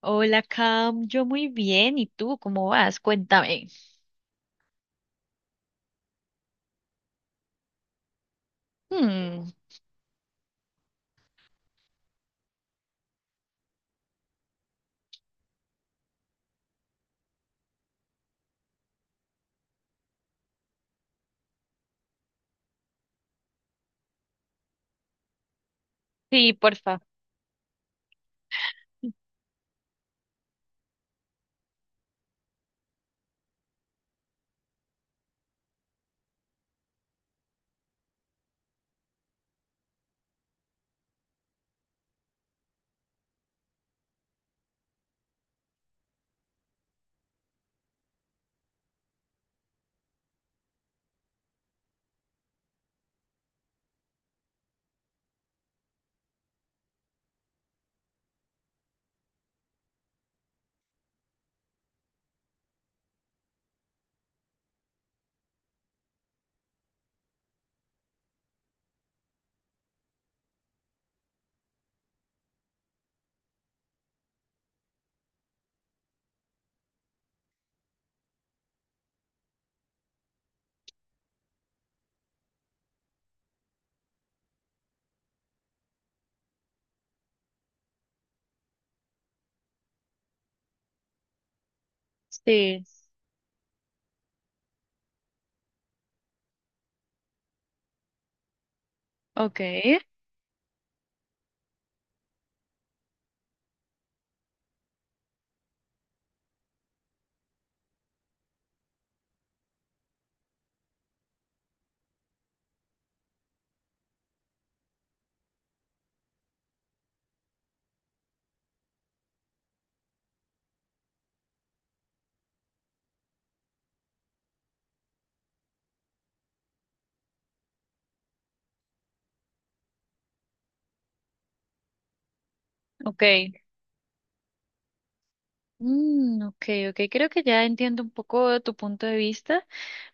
Hola, Cam. Yo muy bien. ¿Y tú cómo vas? Cuéntame. Mm, sí, porfa. Sí. Ok, ok. Mm, ok, ok. Creo que ya entiendo un poco tu punto de vista.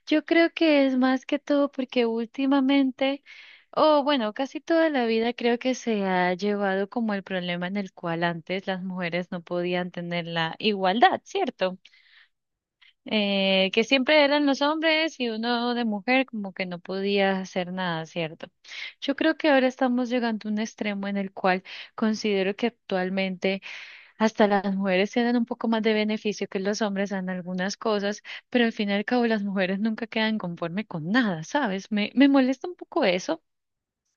Yo creo que es más que todo porque últimamente, o bueno, casi toda la vida creo que se ha llevado como el problema en el cual antes las mujeres no podían tener la igualdad, ¿cierto? Que siempre eran los hombres y uno de mujer como que no podía hacer nada, ¿cierto? Yo creo que ahora estamos llegando a un extremo en el cual considero que actualmente hasta las mujeres tienen un poco más de beneficio que los hombres en algunas cosas, pero al fin y al cabo las mujeres nunca quedan conforme con nada, ¿sabes? Me molesta un poco eso.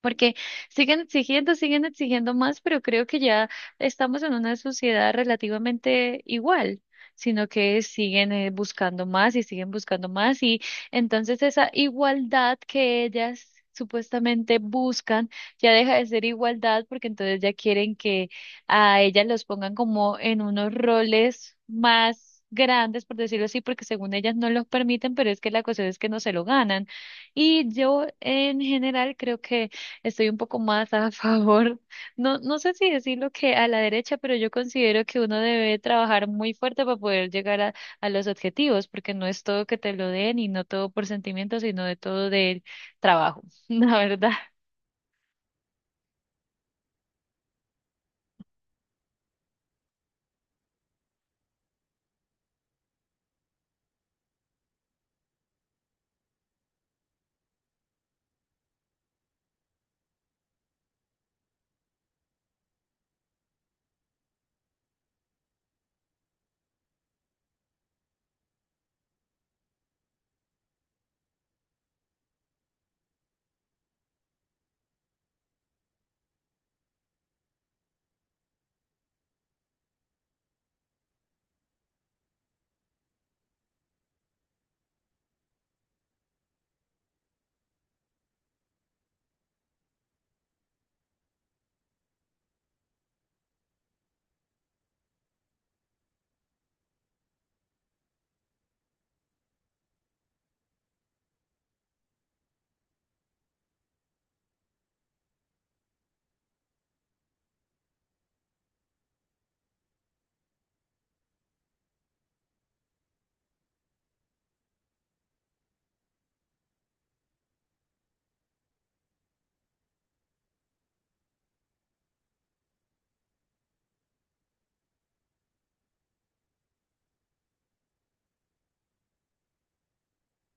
Porque siguen exigiendo más, pero creo que ya estamos en una sociedad relativamente igual, sino que siguen buscando más y siguen buscando más. Y entonces esa igualdad que ellas supuestamente buscan ya deja de ser igualdad porque entonces ya quieren que a ellas los pongan como en unos roles más grandes, por decirlo así, porque según ellas no los permiten, pero es que la cuestión es que no se lo ganan. Y yo en general creo que estoy un poco más a favor, no, no sé si decirlo que a la derecha, pero yo considero que uno debe trabajar muy fuerte para poder llegar a los objetivos, porque no es todo que te lo den y no todo por sentimiento, sino de todo del trabajo, la verdad.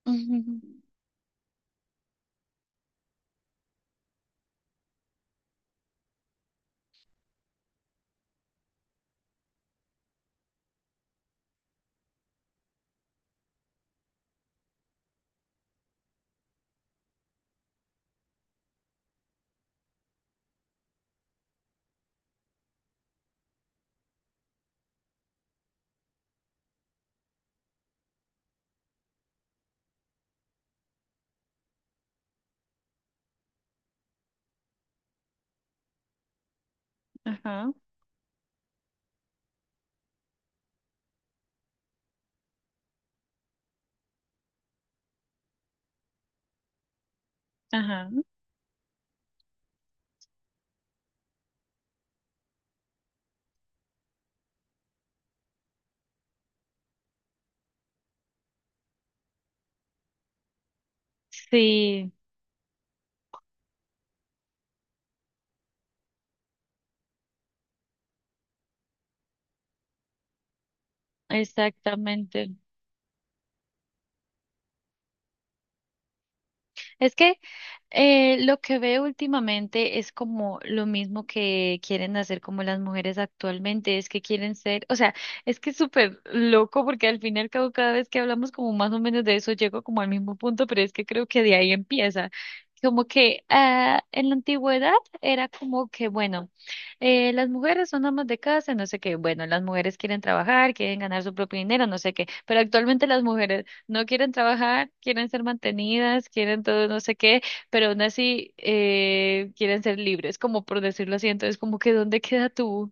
Ujú. Ajá, ajá. Sí, exactamente. Es que lo que veo últimamente es como lo mismo que quieren hacer como las mujeres actualmente, es que quieren ser, o sea, es que es súper loco porque al fin y al cabo cada vez que hablamos como más o menos de eso llego como al mismo punto, pero es que creo que de ahí empieza. Como que en la antigüedad era como que, bueno, las mujeres son amas de casa, no sé qué. Bueno, las mujeres quieren trabajar, quieren ganar su propio dinero, no sé qué. Pero actualmente las mujeres no quieren trabajar, quieren ser mantenidas, quieren todo, no sé qué, pero aún así quieren ser libres, como por decirlo así. Entonces, como que ¿dónde queda tu,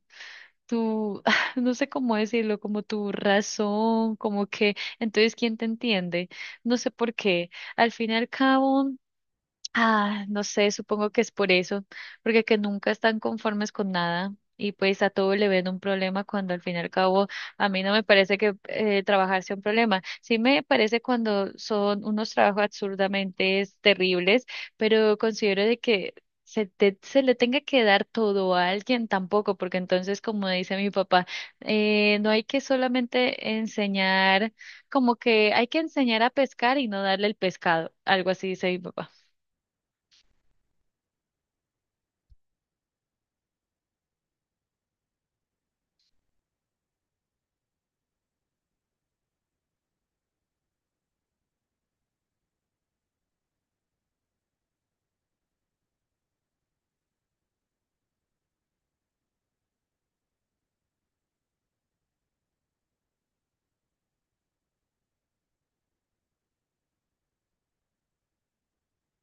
tu, no sé cómo decirlo, como tu razón, como que, entonces, ¿quién te entiende? No sé por qué. Al fin y al cabo. Ah, no sé, supongo que es por eso, porque que nunca están conformes con nada y pues a todo le ven un problema cuando al fin y al cabo a mí no me parece que trabajar sea un problema. Sí me parece cuando son unos trabajos absurdamente terribles, pero considero de que se le tenga que dar todo a alguien tampoco, porque entonces, como dice mi papá, no hay que solamente enseñar, como que hay que enseñar a pescar y no darle el pescado, algo así dice mi papá.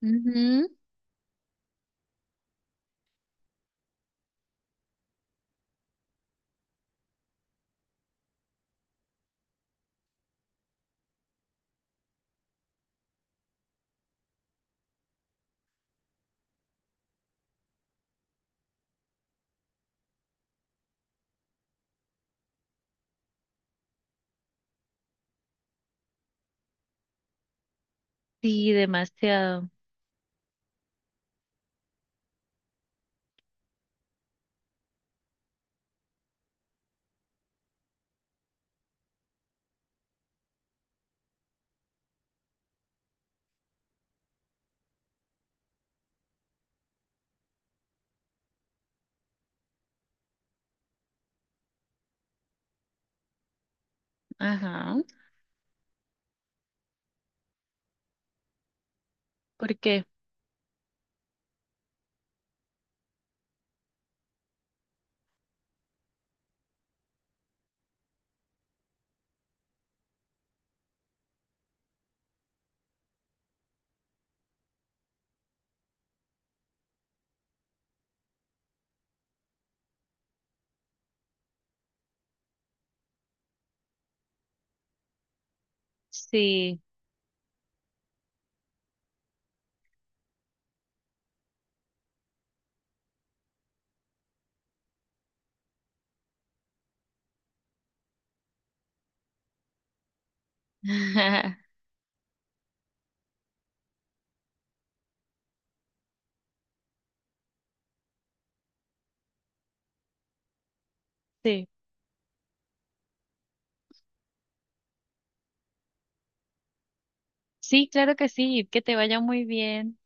Ujú, sí, demasiado. Ajá. Porque sí. Sí. Sí, claro que sí. Que te vaya muy bien.